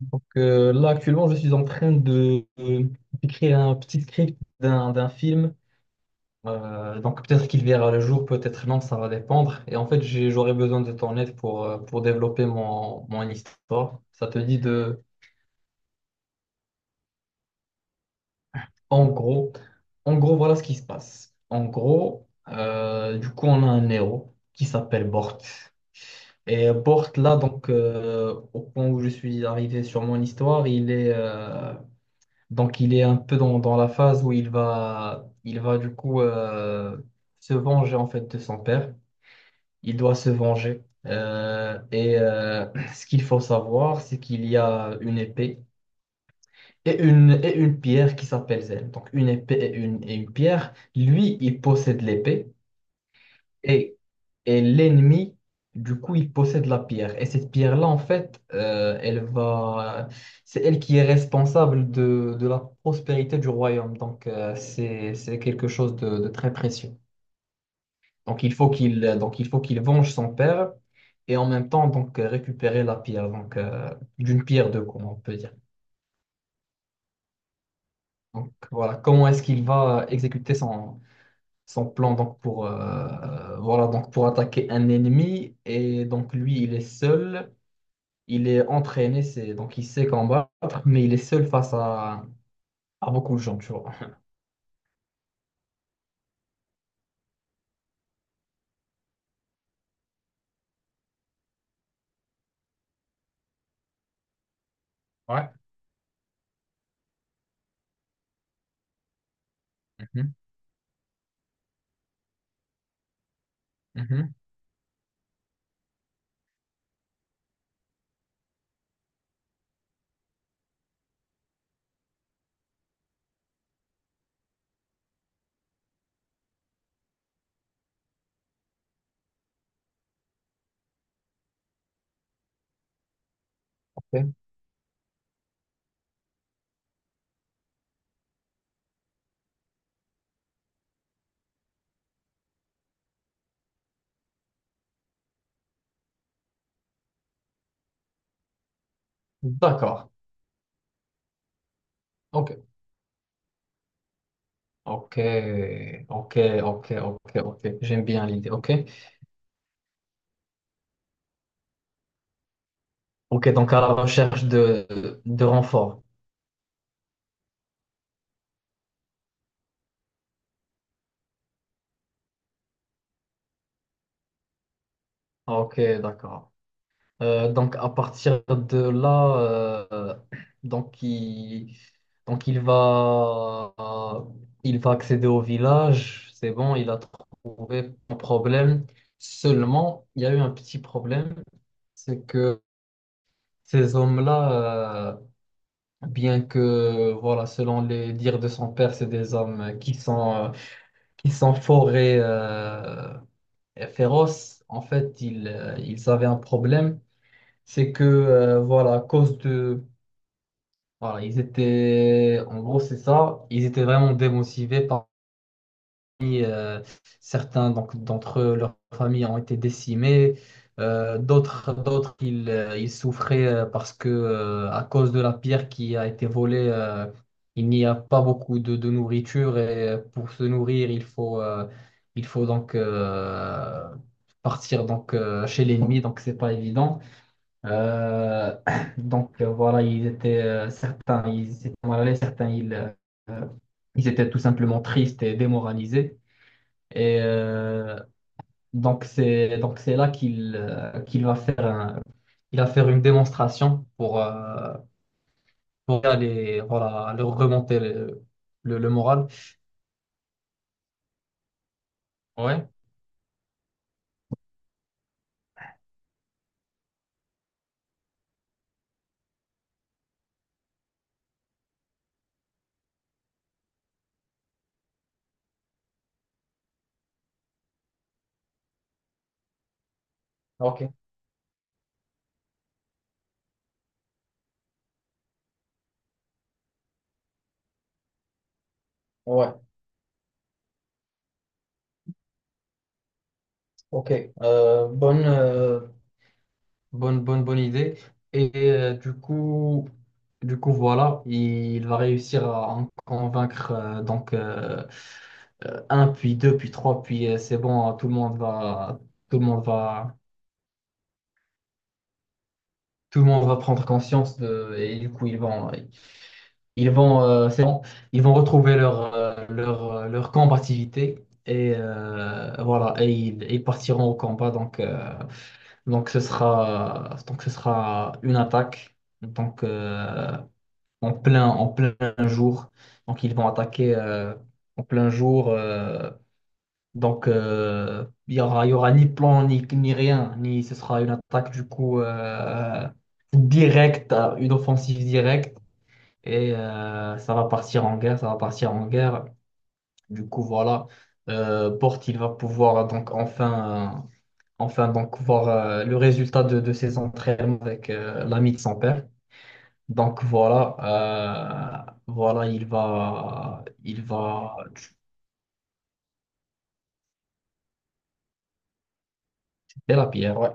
Donc là, actuellement, je suis en train d'écrire un petit script d'un film. Donc peut-être qu'il verra le jour, peut-être non, ça va dépendre. Et en fait, j'aurais besoin de ton aide pour développer mon histoire. Ça te dit de, en gros, en gros, voilà ce qui se passe. En gros, du coup, on a un héros qui s'appelle Bort. Et Bort, là, donc, au point où je suis arrivé sur mon histoire. Donc il est un peu dans la phase où il va du coup se venger en fait de son père. Il doit se venger. Et ce qu'il faut savoir, c'est qu'il y a une épée et une pierre qui s'appelle Zen. Donc une épée et une pierre. Lui, il possède l'épée. Et, et l'ennemi, du coup, il possède la pierre. Et cette pierre-là, en fait, c'est elle qui est responsable de la prospérité du royaume. Donc, c'est quelque chose de très précieux. Donc, il faut qu'il venge son père et en même temps, donc, récupérer la pierre. Donc, d'une pierre deux, comme on peut dire. Donc, voilà, comment est-ce qu'il va exécuter son plan donc, pour, voilà, donc, pour attaquer un ennemi. Et donc, lui, il est seul. Il est entraîné, c'est donc il sait combattre, mais il est seul face à beaucoup de gens, tu vois. Ouais. Mhm, mhm. Ok. D'accord. Ok. Ok. Ok. Ok. Ok. Ok. J'aime bien l'idée. Ok. Ok. Donc à la recherche de renfort. Ok. D'accord. Donc à partir de là, euh, donc il, donc il va accéder au village. C'est bon, il a trouvé un problème. Seulement, il y a eu un petit problème, c'est que ces hommes-là, bien que voilà, selon les dires de son père, c'est des hommes qui sont forts et féroces. En fait, ils avaient un problème, c'est que voilà, à cause de. Voilà, ils étaient, en gros, c'est ça. Ils étaient vraiment démotivés. Parmi certains donc, d'entre eux, leurs familles ont été décimées. D'autres, ils souffraient parce que à cause de la pierre qui a été volée. Il n'y a pas beaucoup de nourriture et pour se nourrir, il faut donc partir donc chez l'ennemi. Donc c'est pas évident. Euh, donc voilà, ils étaient certains, ils étaient mal à l'aise, certains, euh, ils étaient tout simplement tristes et démoralisés. Et donc c'est là qu'il va faire il va faire une démonstration pour aller voilà leur remonter le moral. Ouais. Ok, ouais, ok. Euh, bonne, euh, Bonne, bonne, bonne idée. Et du coup, voilà, il va réussir à en convaincre donc un, puis deux, puis trois, puis c'est bon, tout le monde va, tout le monde va, tout le monde va prendre conscience de, et du coup, c'est bon, ils vont retrouver leur combativité et voilà, et ils partiront au combat. Donc, donc ce sera une attaque. Donc, en plein jour. Donc, ils vont attaquer en plein jour. Donc, il y aura ni plan, ni rien, ni ce sera une attaque du coup directe, une offensive directe. Et ça va partir en guerre, ça va partir en guerre. Du coup, voilà, Porte, il va pouvoir donc enfin donc voir le résultat de ses entraînements avec l'ami de son père. Donc voilà, il va tuer la pierre, ouais.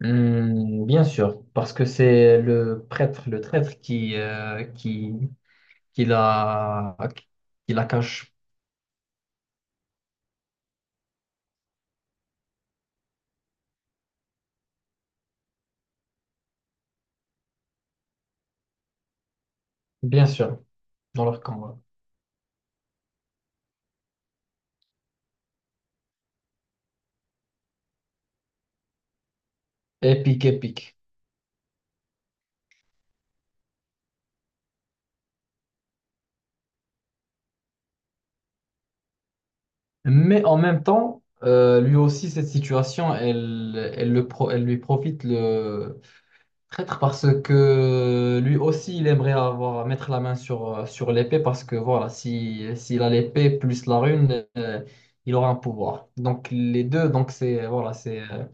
Hmm, bien sûr, parce que c'est le prêtre, le traître qui la, qui la cache, bien sûr, dans leur camp. Ouais. Épique, épique. Mais en même temps, lui aussi, cette situation, elle, elle lui profite. Traître, parce que lui aussi il aimerait avoir mettre la main sur l'épée, parce que voilà, si s'il a l'épée plus la rune il aura un pouvoir, donc les deux, donc c'est voilà c'est euh,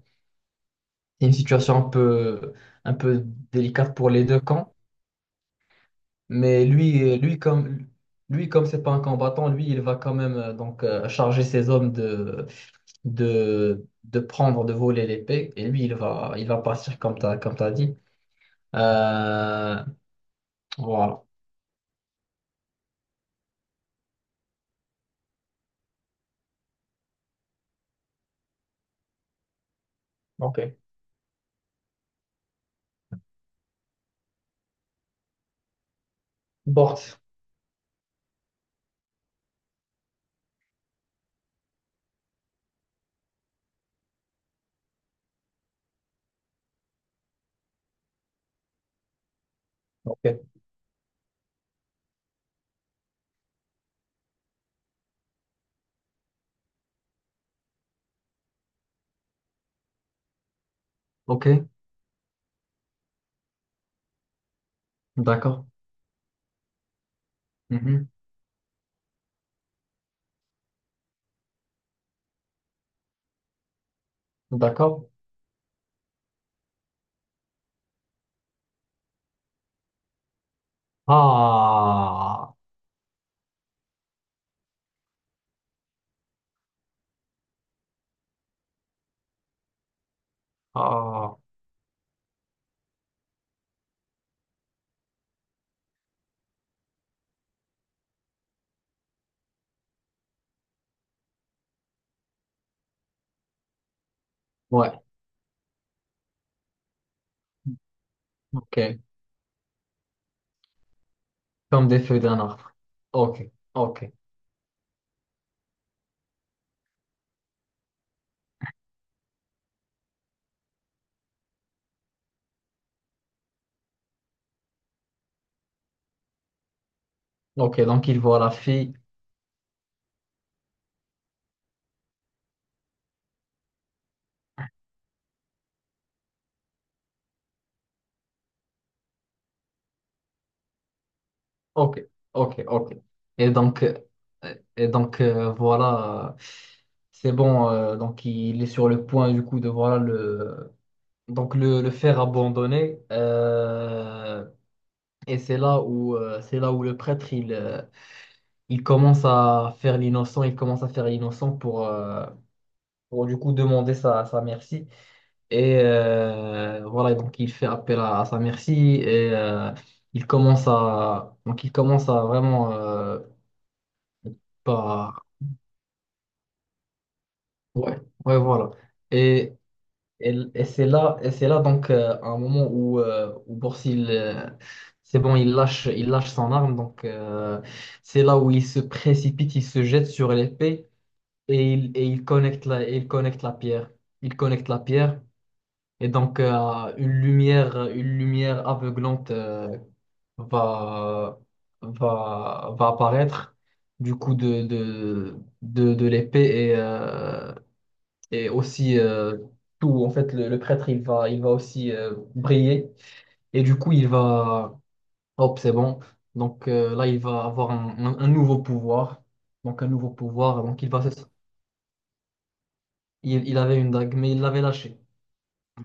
c'est une situation un peu délicate pour les deux camps. Mais lui, comme c'est pas un combattant, lui il va quand même donc charger ses hommes de de prendre, de voler l'épée, et lui il va partir comme t'as dit. Euh, voilà. Ok. Board. Ok. Ok, d'accord. Mhm. D'accord. Ah, ah, ouais, ok. Comme des feuilles d'un arbre. Ok, ok, ok. Donc il voit la fille. Ok, ok, ok. Et donc, euh, et donc, voilà, c'est bon. Donc il est sur le point du coup de voilà le faire abandonner. Et c'est là où le prêtre il commence à faire l'innocent, il commence à faire l'innocent pour du coup demander sa merci. Et voilà, donc il fait appel à sa merci, et il commence à vraiment Bah, ouais, ouais voilà. Et, et c'est là, donc, un moment où Borsil c'est bon, il lâche son arme, donc c'est là où il se précipite, il se jette sur l'épée. Et il connecte la pierre. Il connecte la pierre, et donc une lumière aveuglante va, va apparaître du coup de l'épée et aussi tout. En fait, le prêtre, il va aussi briller, et du coup, il va. Hop, c'est bon. Donc là, il va avoir un nouveau pouvoir. Donc un nouveau pouvoir. Donc il va. Il avait une dague, mais il l'avait lâchée.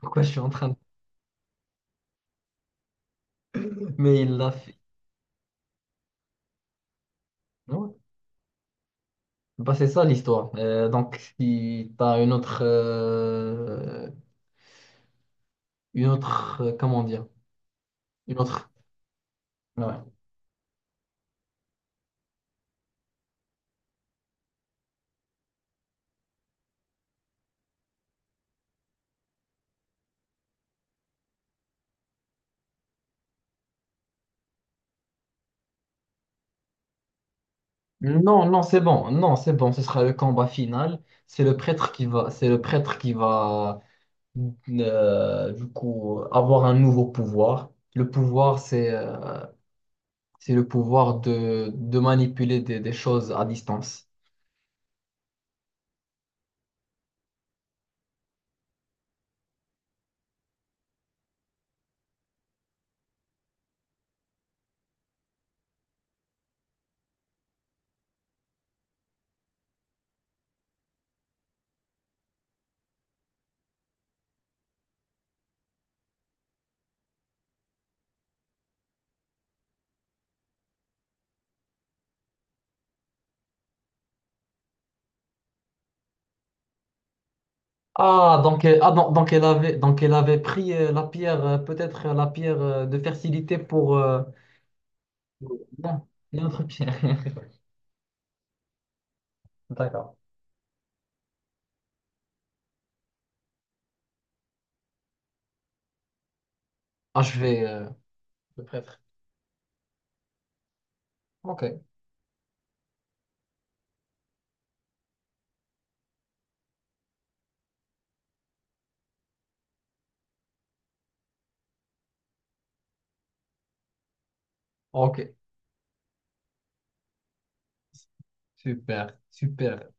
Pourquoi je suis en train de. Mais il l'a fait. Non. Bah, c'est ça l'histoire. Donc, si tu as une autre, une autre, comment dire? Une autre. Ouais. Non, non, c'est bon. Non, c'est bon. Ce sera le combat final. C'est le prêtre qui va. C'est le prêtre qui va. Du coup, avoir un nouveau pouvoir. Le pouvoir, c'est le pouvoir de manipuler des choses à distance. Ah, donc, elle avait pris la pierre, peut-être la pierre de fertilité pour. Non, il y a une autre pierre. D'accord. Ah, je vais. Le prêtre. Ok. Ok. Super, super.